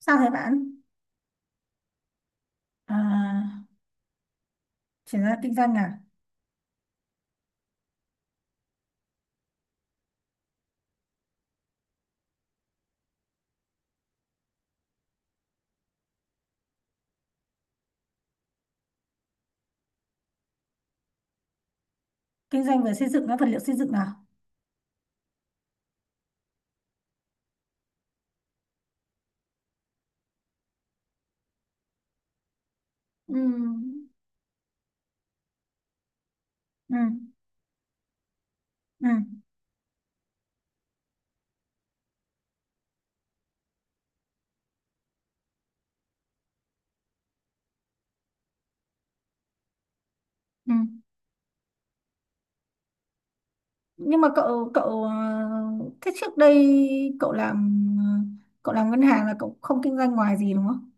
Sao thế bạn? À, chuyển ra kinh doanh à? Kinh doanh về xây dựng á, vật liệu xây dựng à? Ừ, ừ, ừ, ừ. Nhưng mà cậu cậu thế trước đây cậu làm cậu làm ngân hàng là cậu không kinh doanh ngoài gì đúng không?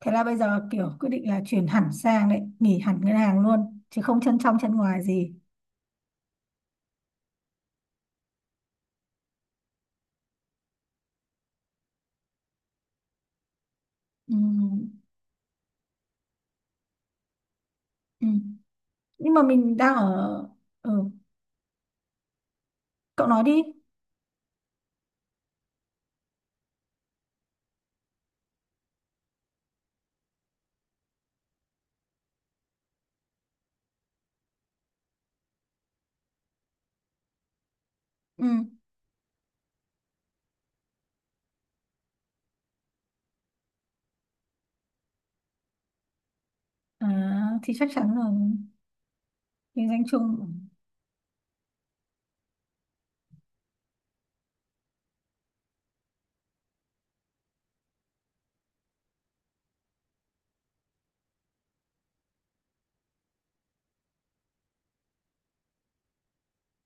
Thế là bây giờ kiểu quyết định là chuyển hẳn sang đấy, nghỉ hẳn ngân hàng luôn, chứ không chân trong chân ngoài gì. Ừ, ừ. Nhưng mà mình đang ở. Ừ, cậu nói đi. Ừ. À, thì chắc chắn là kinh doanh chung.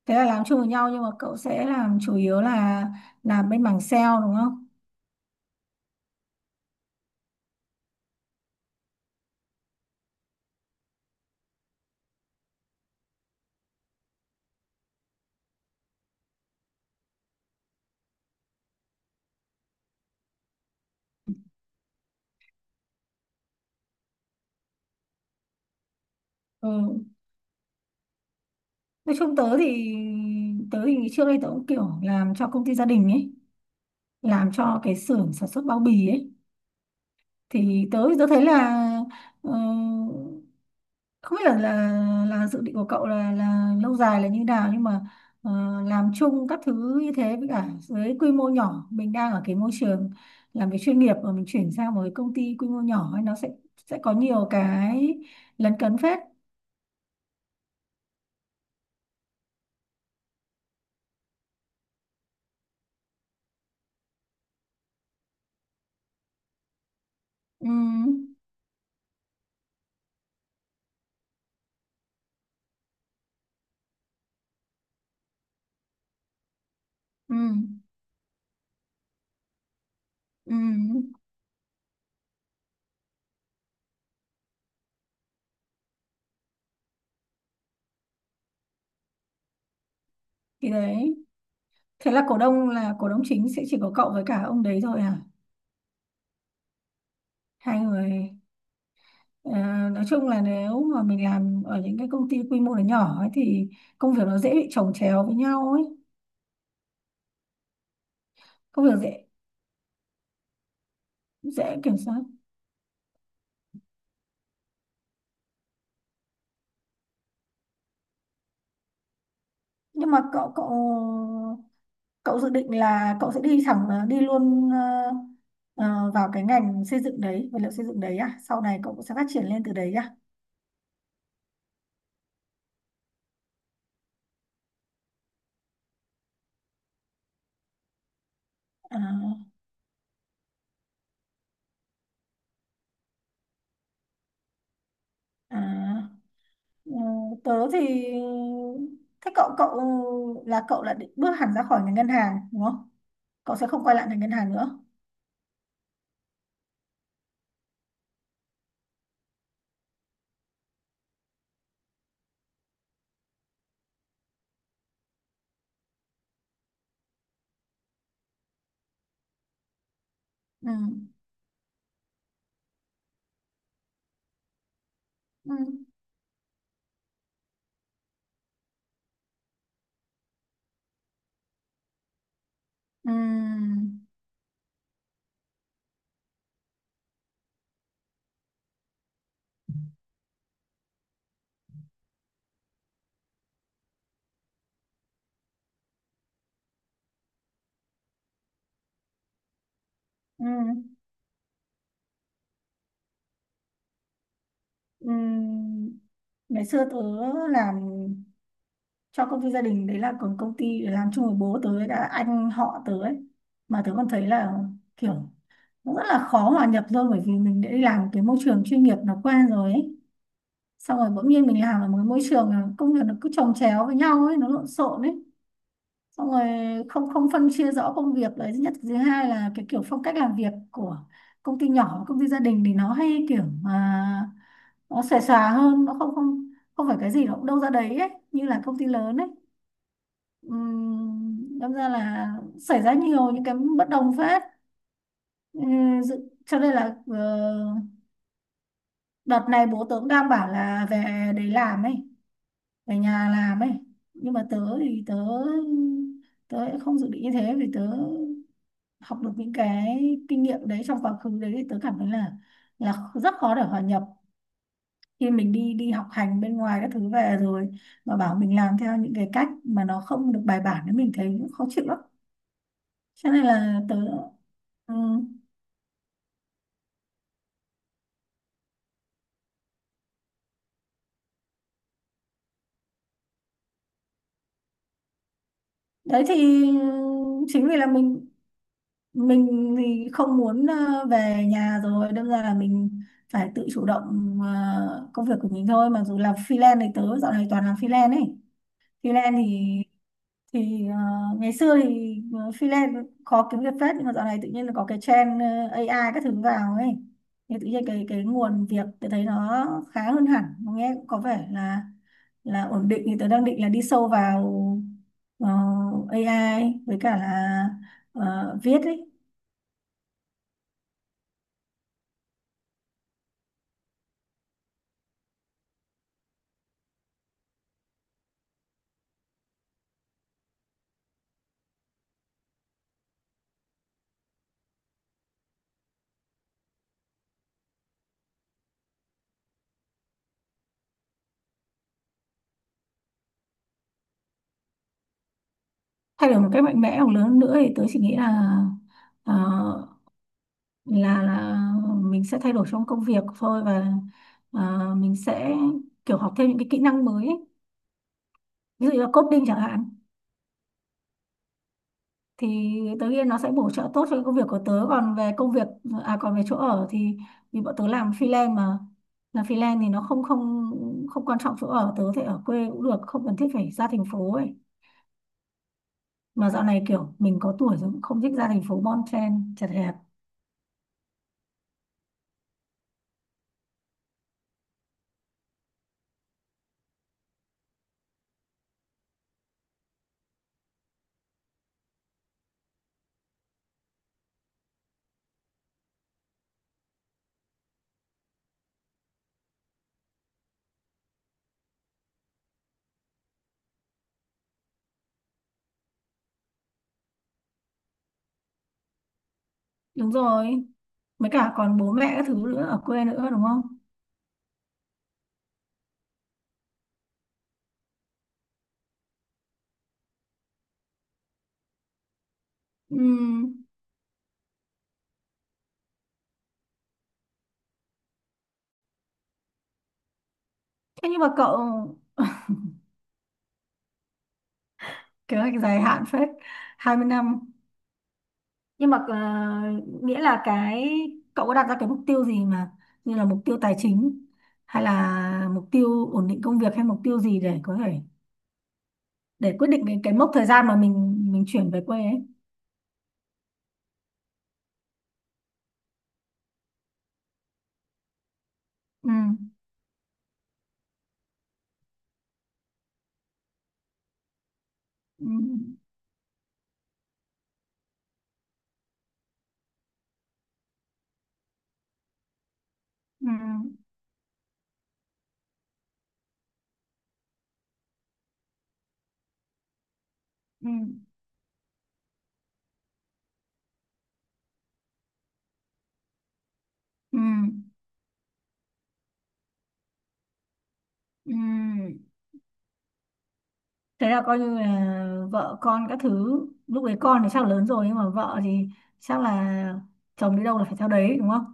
Thế là làm chung với nhau nhưng mà cậu sẽ làm chủ yếu là làm bên mảng sale đúng không? Ừ. Nói chung tớ thì trước đây tớ cũng kiểu làm cho công ty gia đình ấy, làm cho cái xưởng sản xuất bao bì ấy. Thì tớ tớ thấy là ờ, không biết là dự định của cậu là lâu dài là như nào, nhưng mà ờ, làm chung các thứ như thế với cả với quy mô nhỏ, mình đang ở cái môi trường làm việc chuyên nghiệp mà mình chuyển sang một cái công ty quy mô nhỏ ấy, nó sẽ có nhiều cái lấn cấn phết. Ừ, ừ, ừ. Thì đấy, thế là cổ đông chính sẽ chỉ có cậu với cả ông đấy thôi à? Hai người. Ờ, nói chung là nếu mà mình làm ở những cái công ty quy mô nó nhỏ ấy thì công việc nó dễ bị chồng chéo với nhau ấy, công việc dễ dễ kiểm soát. Nhưng mà cậu cậu cậu dự định là cậu sẽ đi thẳng, đi luôn, vào cái ngành xây dựng đấy, vật liệu xây dựng đấy à, sau này cậu cũng sẽ phát triển lên từ đấy à? À, à. Ừ, tớ thì thế cậu cậu là định bước hẳn ra khỏi ngành ngân hàng đúng không? Cậu sẽ không quay lại ngành ngân hàng nữa. Ừ. Ừ. Ừ. Ừ. Ừ. Ngày xưa tớ làm cho công ty gia đình đấy, là còn công ty để làm chung với bố tớ đã anh họ tớ ấy, mà tớ còn thấy là kiểu nó rất là khó hòa nhập thôi, bởi vì mình đã đi làm cái môi trường chuyên nghiệp nó quen rồi ấy. Xong rồi bỗng nhiên mình làm ở một cái môi trường là công việc nó cứ chồng chéo với nhau ấy, nó lộn xộn ấy, xong rồi không không phân chia rõ công việc đấy, thứ nhất. Thứ hai là cái kiểu phong cách làm việc của công ty nhỏ, công ty gia đình thì nó hay kiểu mà nó xòe xòa hơn, nó không không không phải cái gì nó cũng đâu ra đấy ấy như là công ty lớn ấy. Đâm ra là xảy ra nhiều những cái bất đồng phết. Cho nên là đợt này bố tớ cũng đang bảo là về đấy làm ấy, về nhà làm ấy, nhưng mà tớ thì tớ tớ lại không dự định như thế, vì tớ học được những cái kinh nghiệm đấy trong quá khứ đấy, thì tớ cảm thấy là rất khó để hòa nhập. Khi mình đi đi học hành bên ngoài các thứ về rồi mà bảo mình làm theo những cái cách mà nó không được bài bản thì mình thấy khó chịu lắm. Cái này là tớ. Ừ. Đấy thì chính vì là mình thì không muốn về nhà, rồi đâm ra là mình phải tự chủ động công việc của mình thôi, mà dù làm freelance thì tớ dạo này toàn làm freelance ấy. Freelance thì thì ờ, ngày xưa thì freelance khó kiếm việc phết, nhưng mà dạo này tự nhiên là có cái trend AI các thứ vào ấy. Thì tự nhiên cái nguồn việc tôi thấy nó khá hơn hẳn, nó nghe cũng có vẻ là ổn định. Thì tôi đang định là đi sâu vào ờ, AI với cả là viết ấy. Thay đổi một cách mạnh mẽ hoặc lớn hơn nữa thì tôi chỉ nghĩ là ờ, là mình sẽ thay đổi trong công việc thôi, và mình sẽ kiểu học thêm những cái kỹ năng mới ấy. Ví dụ như là coding chẳng hạn, thì tớ nghĩ nó sẽ bổ trợ tốt cho cái công việc của tớ. Còn về công việc, à còn về chỗ ở thì vì bọn tớ làm freelance mà, làm freelance thì nó không không không quan trọng chỗ ở, tớ có thể ở quê cũng được, không cần thiết phải ra thành phố ấy. Mà dạo này kiểu mình có tuổi rồi cũng không thích ra thành phố bon chen chật hẹp. Đúng rồi, mấy cả còn bố mẹ các thứ nữa ở quê nữa đúng không? Ừm, thế nhưng mà cậu, kế hoạch dài hạn phết, 20 năm, nhưng mà nghĩa là cái, cậu có đặt ra cái mục tiêu gì mà như là mục tiêu tài chính, hay là mục tiêu ổn định công việc, hay mục tiêu gì để có thể, để quyết định cái mốc thời gian mà mình chuyển về quê ấy? Ừ, ừ, ừ, ừ, ừ, ừ. Thế là coi như là vợ con các thứ, lúc đấy con thì chắc là lớn rồi, nhưng mà vợ thì chắc là chồng đi đâu là phải theo đấy đúng không?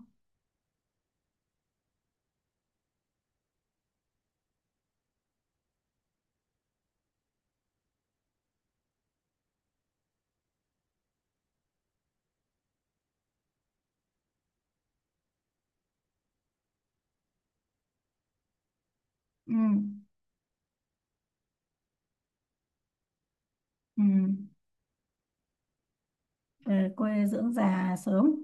Ừ, ừ. Về quê dưỡng già sớm.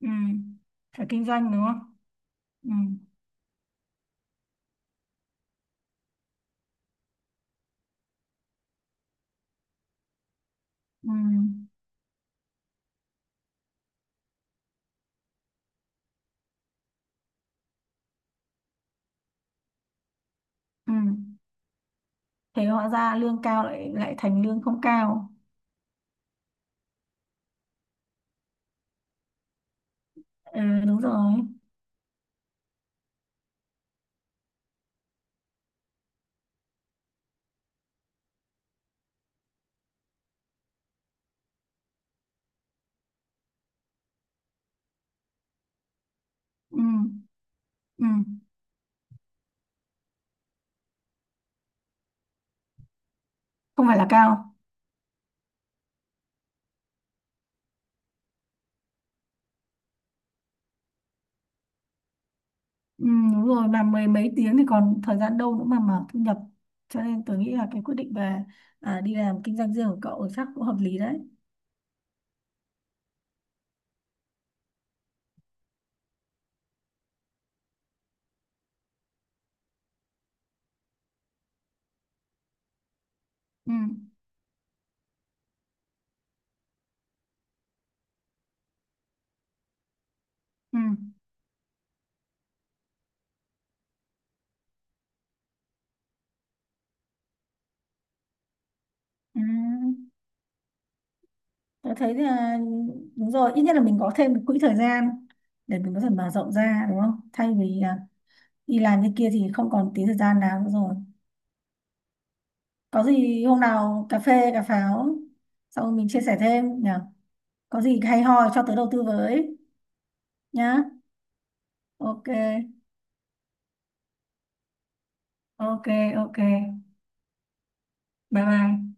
Ừ. Phải kinh doanh đúng không? Ừ. Ừ. Ừ. Thế hóa ra lương cao lại lại thành lương không cao. Ừ, đúng rồi. Ừ. Ừ. Không phải là cao. Ừ, đúng rồi, mà mười mấy tiếng thì còn thời gian đâu nữa mà mở thu nhập. Cho nên tôi nghĩ là cái quyết định về đi làm kinh doanh riêng của cậu chắc cũng hợp lý đấy. Ừ. Ừ. Ừ. Tôi thấy là đúng rồi, ít nhất là mình có thêm một quỹ thời gian để mình có thể mở rộng ra đúng không, thay vì đi làm như kia thì không còn tí thời gian nào nữa rồi. Có gì hôm nào cà phê cà pháo xong rồi mình chia sẻ thêm nhỉ, có gì hay ho cho tớ đầu tư với nhá. Ok, ok, ok. Bye bye.